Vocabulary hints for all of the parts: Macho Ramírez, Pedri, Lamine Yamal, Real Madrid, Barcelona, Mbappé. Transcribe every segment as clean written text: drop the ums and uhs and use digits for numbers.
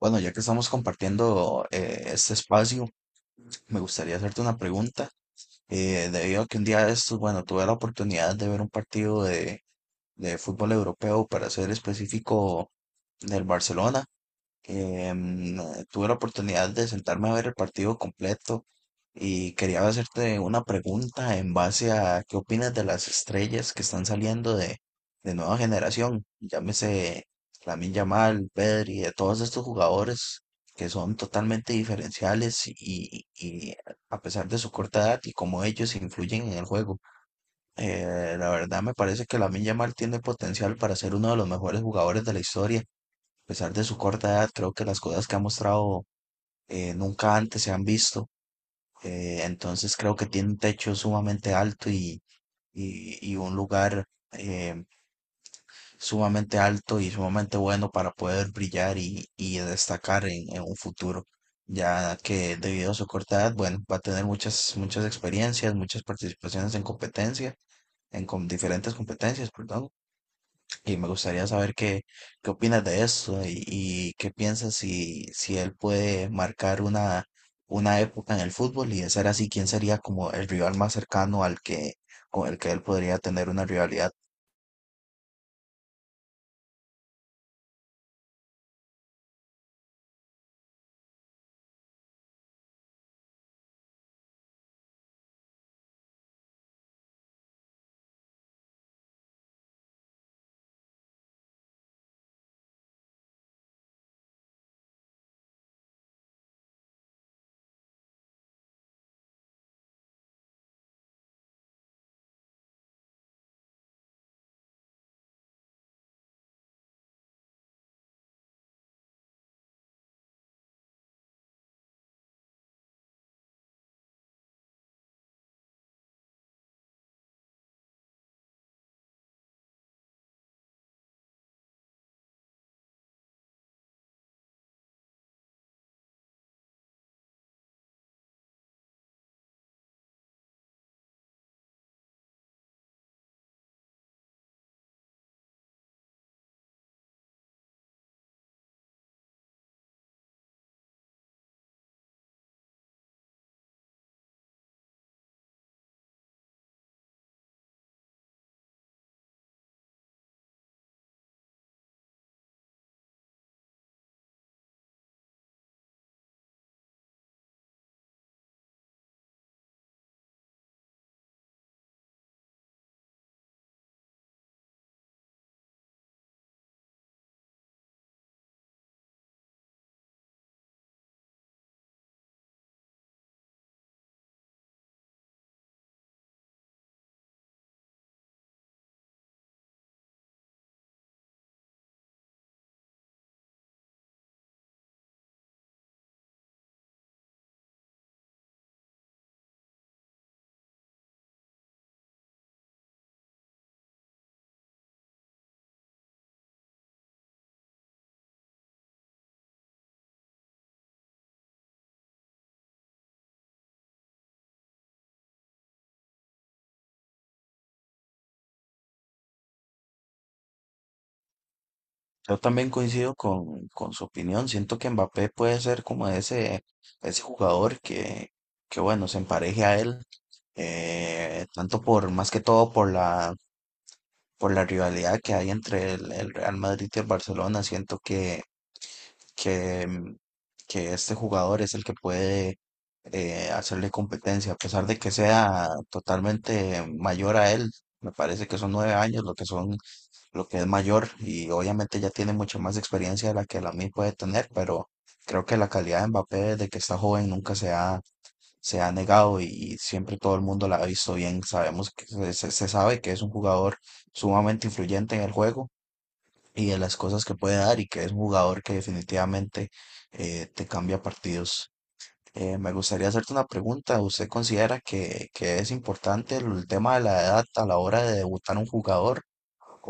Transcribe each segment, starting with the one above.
Bueno, ya que estamos compartiendo este espacio, me gustaría hacerte una pregunta. Debido a que un día de estos, bueno, tuve la oportunidad de ver un partido de fútbol europeo, para ser específico, del Barcelona. Em, Tuve la oportunidad de sentarme a ver el partido completo y quería hacerte una pregunta en base a qué opinas de las estrellas que están saliendo de nueva generación, llámese Lamine Yamal, Pedri, de todos estos jugadores que son totalmente diferenciales y a pesar de su corta edad y cómo ellos influyen en el juego. La verdad me parece que Lamine Yamal tiene potencial para ser uno de los mejores jugadores de la historia a pesar de su corta edad. Creo que las cosas que ha mostrado nunca antes se han visto. Entonces creo que tiene un techo sumamente alto y un lugar eh, sumamente alto y sumamente bueno para poder brillar y destacar en un futuro. Ya que debido a su corta edad, bueno, va a tener muchas experiencias, muchas participaciones en competencia, diferentes competencias, perdón. Y me gustaría saber qué opinas de eso y qué piensas si él puede marcar una época en el fútbol y de ser así, ¿quién sería como el rival más cercano al con el que él podría tener una rivalidad? Yo también coincido con su opinión. Siento que Mbappé puede ser como ese jugador que bueno, se empareje a él, tanto por, más que todo por por la rivalidad que hay entre el Real Madrid y el Barcelona. Siento que, mm, que este jugador es el que puede hacerle competencia, a pesar de que sea totalmente mayor a él. Me parece que son nueve años lo que lo que es mayor, y obviamente ya tiene mucha más experiencia de la que Lamine puede tener, pero creo que la calidad de Mbappé desde que está joven nunca se ha negado y siempre todo el mundo la ha visto bien. Sabemos que se sabe que es un jugador sumamente influyente en el juego y de las cosas que puede dar y que es un jugador que definitivamente te cambia partidos. Me gustaría hacerte una pregunta. ¿Usted considera que es importante el tema de la edad a la hora de debutar un jugador?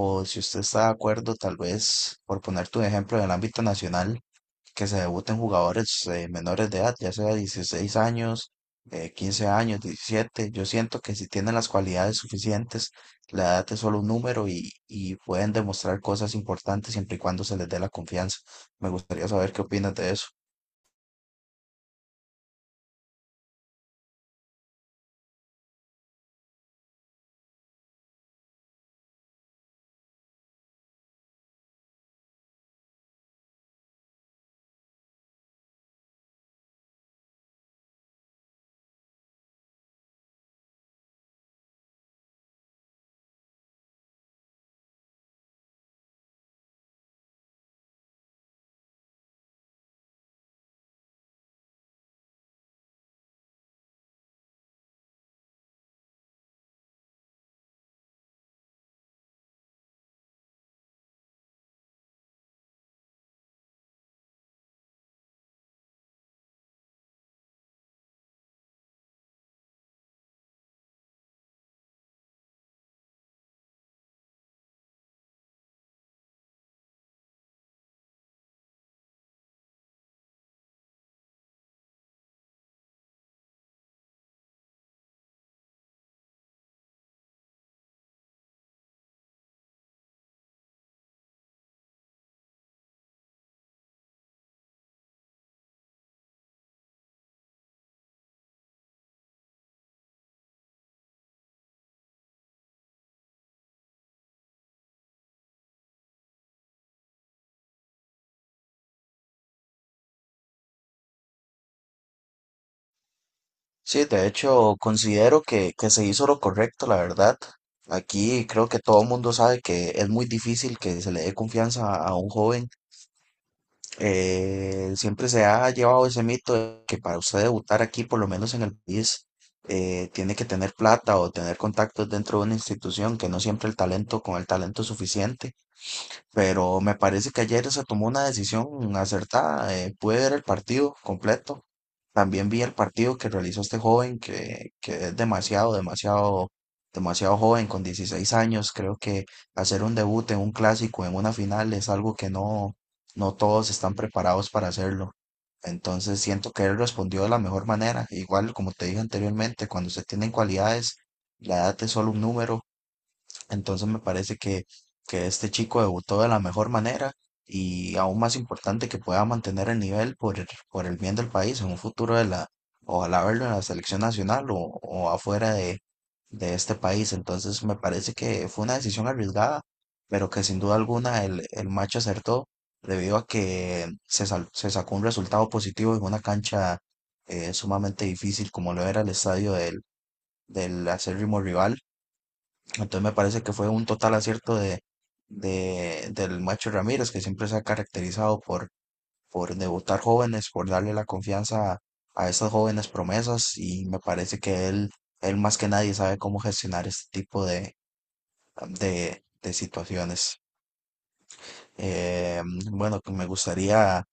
O si usted está de acuerdo, tal vez, por ponerte un ejemplo en el ámbito nacional, que se debuten jugadores menores de edad, ya sea 16 años, 15 años, 17. Yo siento que si tienen las cualidades suficientes, la edad es solo un número y pueden demostrar cosas importantes siempre y cuando se les dé la confianza. Me gustaría saber qué opinas de eso. Sí, de hecho, considero que se hizo lo correcto, la verdad. Aquí creo que todo el mundo sabe que es muy difícil que se le dé confianza a un joven. Siempre se ha llevado ese mito de que para usted debutar aquí, por lo menos en el país, tiene que tener plata o tener contactos dentro de una institución, que no siempre el talento, con el talento es suficiente, pero me parece que ayer se tomó una decisión acertada. Pude ver el partido completo. También vi el partido que realizó este joven que es demasiado joven, con 16 años. Creo que hacer un debut en un clásico, en una final, es algo que no, no todos están preparados para hacerlo. Entonces siento que él respondió de la mejor manera. Igual, como te dije anteriormente, cuando se tienen cualidades, la edad es solo un número. Entonces me parece que este chico debutó de la mejor manera y aún más importante que pueda mantener el nivel por por el bien del país en un futuro de ojalá verlo en la selección nacional o afuera de este país. Entonces me parece que fue una decisión arriesgada, pero que sin duda alguna el match acertó debido a que se sacó un resultado positivo en una cancha sumamente difícil como lo era el estadio del acérrimo rival. Entonces me parece que fue un total acierto del Macho Ramírez, que siempre se ha caracterizado por debutar jóvenes, por darle la confianza a esas jóvenes promesas, y me parece que él más que nadie sabe cómo gestionar este tipo de situaciones. Eh, bueno, que me gustaría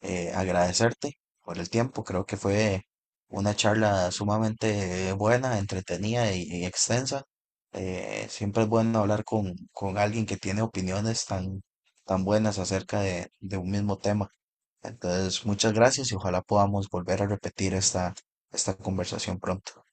agradecerte por el tiempo. Creo que fue una charla sumamente buena, entretenida y extensa. Siempre es bueno hablar con alguien que tiene opiniones tan buenas acerca de un mismo tema. Entonces, muchas gracias, y ojalá podamos volver a repetir esta conversación pronto.